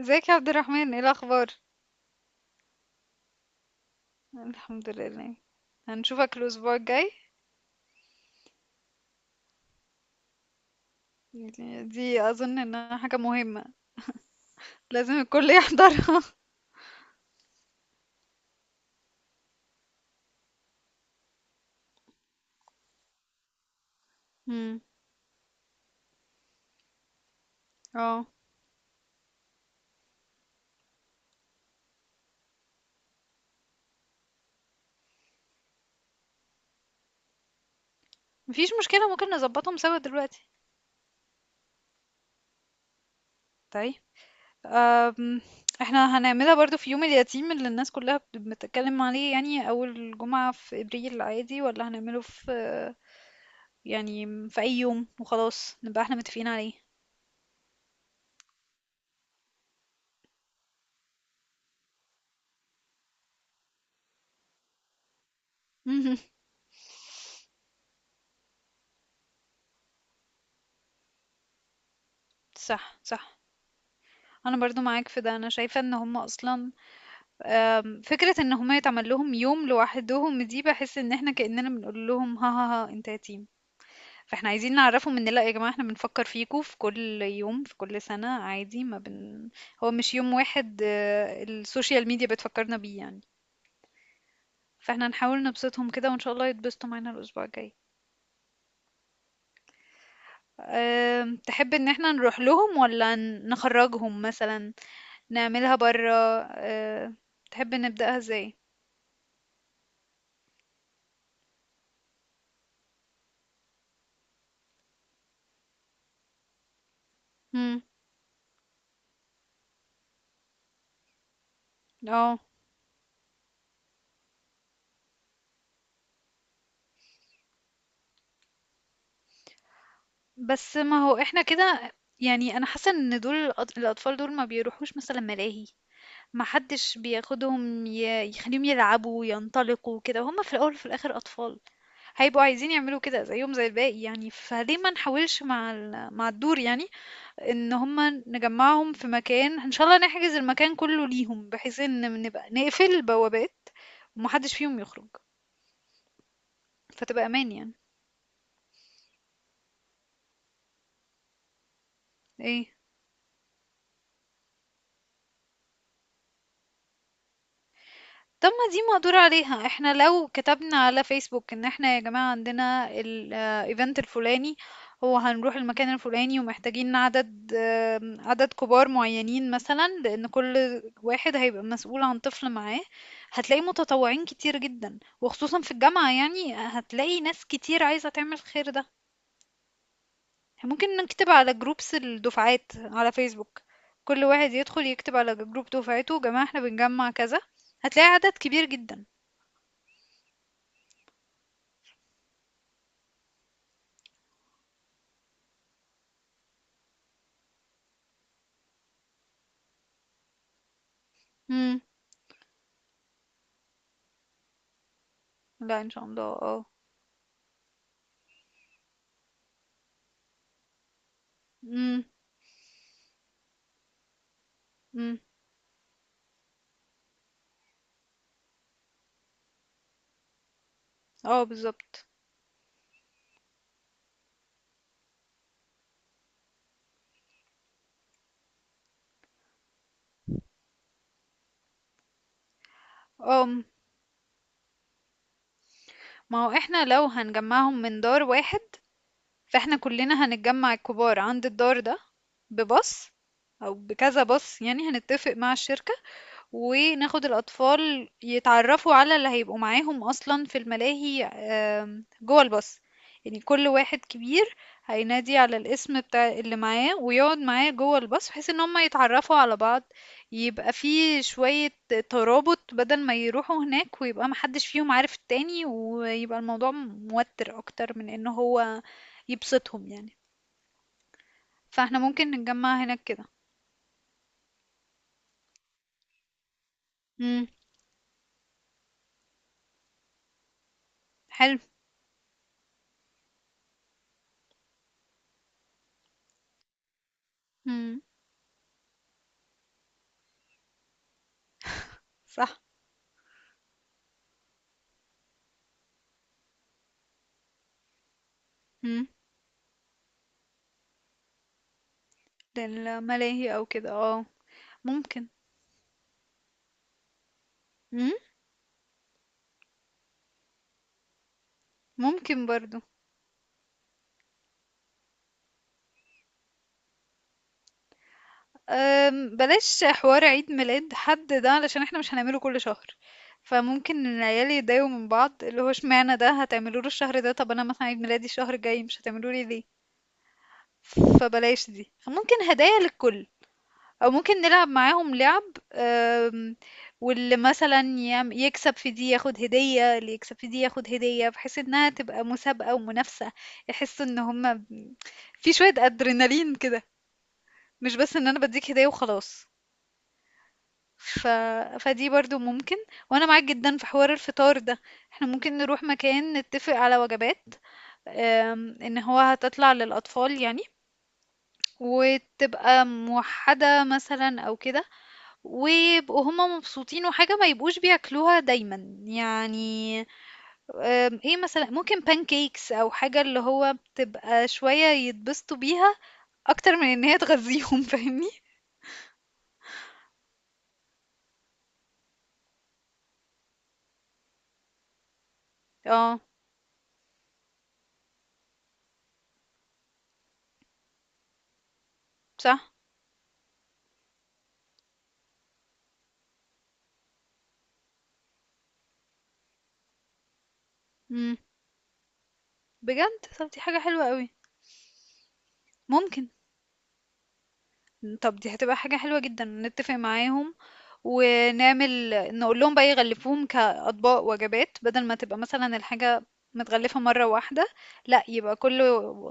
ازيك يا عبد الرحمن؟ ايه الاخبار؟ الحمد لله. هنشوفك الاسبوع الجاي. يعني دي اظن انها حاجه مهمه، لازم الكل يحضرها. امم. اه. مفيش مشكله، ممكن نظبطهم سوا دلوقتي. طيب. أم. احنا هنعملها برضو في يوم اليتيم اللي الناس كلها بتتكلم عليه، يعني اول جمعه في ابريل، عادي، ولا هنعمله في، يعني في اي يوم وخلاص نبقى احنا متفقين عليه؟ مهم. صح صح، انا برضو معاك في ده، انا شايفة ان هم اصلا، فكرة ان هما يتعمل لهم يوم لوحدهم دي بحس ان احنا كأننا بنقول لهم ها ها ها انت يتيم. فاحنا عايزين نعرفهم ان لا يا جماعة، احنا بنفكر فيكوا في كل يوم في كل سنة عادي، ما بن هو مش يوم واحد، السوشيال ميديا بتفكرنا بيه يعني. فاحنا نحاول نبسطهم كده، وان شاء الله يتبسطوا معانا الاسبوع الجاي. تحب ان احنا نروح لهم ولا نخرجهم مثلا، نعملها برا؟ آه، تحب نبدأها ازاي؟ مم. اه. بس ما هو احنا كده، يعني انا حاسه ان دول الاطفال دول ما بيروحوش مثلا ملاهي، ما حدش بياخدهم يخليهم يلعبوا ينطلقوا كده. هما في الاول وفي الاخر اطفال، هيبقوا عايزين يعملوا كده زيهم زي الباقي، يعني فليه ما نحاولش مع مع الدور، يعني ان هما نجمعهم في مكان، ان شاء الله نحجز المكان كله ليهم بحيث ان نبقى نقفل البوابات ومحدش فيهم يخرج، فتبقى امان يعني. ايه؟ طب ما دي مقدور عليها، احنا لو كتبنا على فيسبوك ان احنا يا جماعة عندنا الايفنت الفلاني، هو هنروح المكان الفلاني ومحتاجين عدد كبار معينين، مثلا لان كل واحد هيبقى مسؤول عن طفل معاه، هتلاقي متطوعين كتير جدا، وخصوصا في الجامعة يعني هتلاقي ناس كتير عايزة تعمل الخير ده. ممكن نكتب على جروبس الدفعات على فيسبوك، كل واحد يدخل يكتب على جروب دفعته يا جماعة احنا بنجمع كذا، هتلاقي عدد كبير جدا. مم. لأ إن شاء الله آه. إمم. إمم. آه بالضبط. آمم. ما هو إحنا لو هنجمّعهم من دار واحد، فإحنا كُلّنا هنتجمّع الكبار عند الدار ده، بباص أو بكذا باص يعني، هنتّفق مع الشركة وناخد الأطفال يتعرفوا على اللي هيبقوا معاهم أصلا في الملاهي جوه الباص. يعني كل واحد كبير هينادي على الاسم بتاع اللي معاه ويقعد معاه جوه الباص بحيث ان هم يتعرفوا على بعض، يبقى فيه شوية ترابط، بدل ما يروحوا هناك ويبقى محدش فيهم عارف التاني ويبقى الموضوع موتر أكتر من ان هو يبسطهم يعني. فاحنا ممكن نتجمع هناك كده. امم. حلو. امم. صح. للملاهي أو كده. ممكن. إمم. ممكن برضه. بلاش حوار عيد ميلاد حد ده، علشان إحنا مش هنعمله كل شهر، فممكن العيال يتضايقوا من بعض، اللي هو اشمعنى ده هتعملوه له الشهر ده، طب أنا مثلًا عيد ميلادي الشهر الجاي مش هتعملوه لي ليه؟ فبلاش دي، ممكن هدايا للكل. او ممكن نلعب معاهم لعب. آم، واللي مثلا يكسب في دي ياخد هدية، اللي يكسب في دي ياخد هدية، بحيث انها تبقى مسابقة ومنافسة، يحسوا ان هما في شوية ادرينالين كده، مش بس ان انا بديك هدية وخلاص. ف... فدي برضو ممكن. وانا معاك جدا في حوار الفطار ده، احنا ممكن نروح مكان نتفق على وجبات، ان هو هتطلع للاطفال يعني، وتبقى موحدة مثلا او كده، ويبقوا هُم مبسوطين وحاجة ما يبقوش بياكلوها دايمًا، يعني آمم إيه مثلًا ممكن pancakes أو حاجة اللي هو بتبقى شوية يتبسطوا بيها أكتر من إن هي تغذّيهم فاهمني؟ آه. صح. إمم. بجد؟ طَب دي حاجة حلوة أوي. ممكن. طب دي هتبقى حاجة حلوة جدا، نتفق معاهم ونعمل، نقول لهم بقى يغلفوهم كأطباق وجبات بدل ما تبقى مثلا الحاجة متغلفة مرة واحدة، لا يبقى كل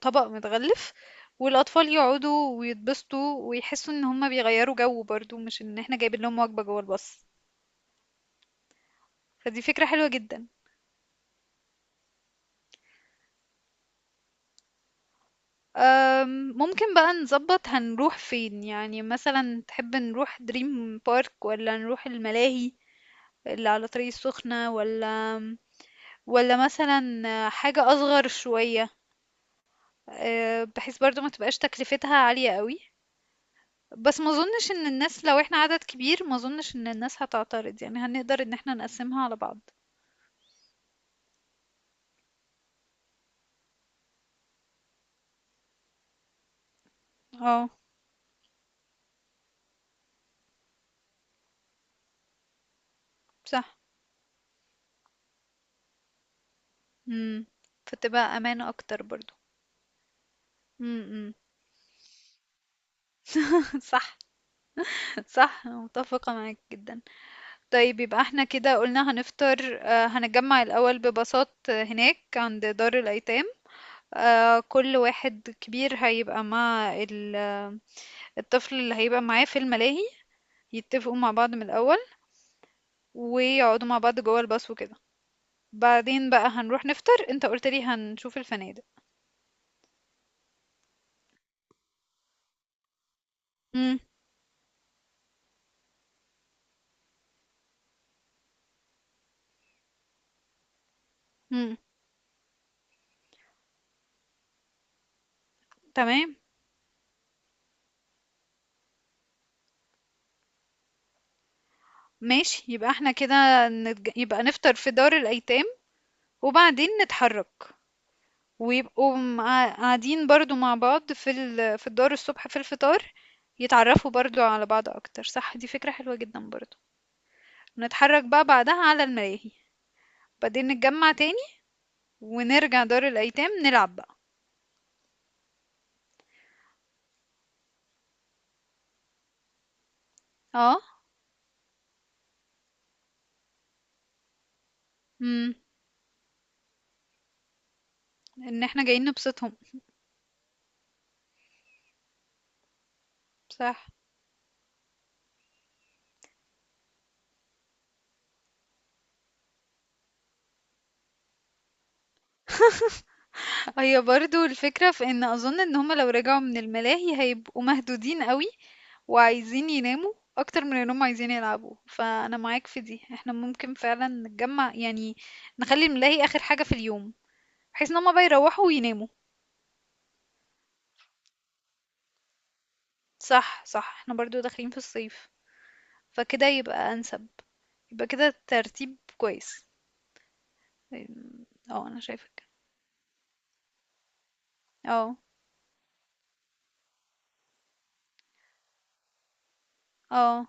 طبق متغلف، والأطفال يقعدوا ويتبسطوا ويحسوا إن هما بيغيروا جو برضو مش إن احنا جايبين لهم وجبة جوه الباص. فدي فكرة حلوة جدا. ممكن بقى نظبط هنروح فين، يعني مثلا تحب نروح دريم بارك ولا نروح الملاهي اللي على طريق السخنة، ولا والّا مثلًا حاجة أصغر شوية، بحيث برضه ما تبقاش تكلفتها عالية أوي، بس ما أظنش إن الناس لو إحنا عدد كبير، ما أظنش إن الناس هتعترض، يعني هنقدر إن إحنا نقسّمها على بعض. آه. صح. إمم. فتبقى أمان أكتر برضه. إمم. إمم. صح، صح، أنا متفقة معاك جدًا. طيب يبقى إحنا كده قُلنا هنفطر، هنتجمّع الأول بباصات هناك عند دار الأيتام، كل واحد كبير هيبقى مع الطفل اللي هيبقى معاه في الملاهي، يتفقوا مع بعض من الأول ويقعدوا مع بعض جوه الباص وكده. بعدين بقى هنروح نفطر، انت قلت لي هنشوف الفنادق. امم. امم. تمام. ماشي. يبقى احنا كده يبقى نفطر في دار الأيتام، وبعدين نتحرك، ويبقوا قاعدين برضو مع بعض في في الدار الصبح في الفطار، يتعرفوا برضو على بعض أكتر. صح دي فكرة حلوة جدا برضو. نتحرك بقى بعدها على الملاهي، بعدين نتجمع تاني ونرجع دار الأيتام نلعب بقى. اه. امم. ان احنا جايين نبسطهم. صح. هي برضو الفكرة في ان اظن ان هما لو رجعوا من الملاهي هيبقوا مهدودين قوي وعايزين يناموا اكتر من انهم عايزين يلعبوا، فانا معاك في دي، احنا ممكن فعلا نتجمع يعني نخلي الملاهي اخر حاجة في اليوم، بحيث ان هما بقى يروحوا ويناموا. صح صح، احنا برضو داخلين في الصيف فكده يبقى انسب. يبقى كده ترتيب كويس. اه، انا شايفك. اه، اه.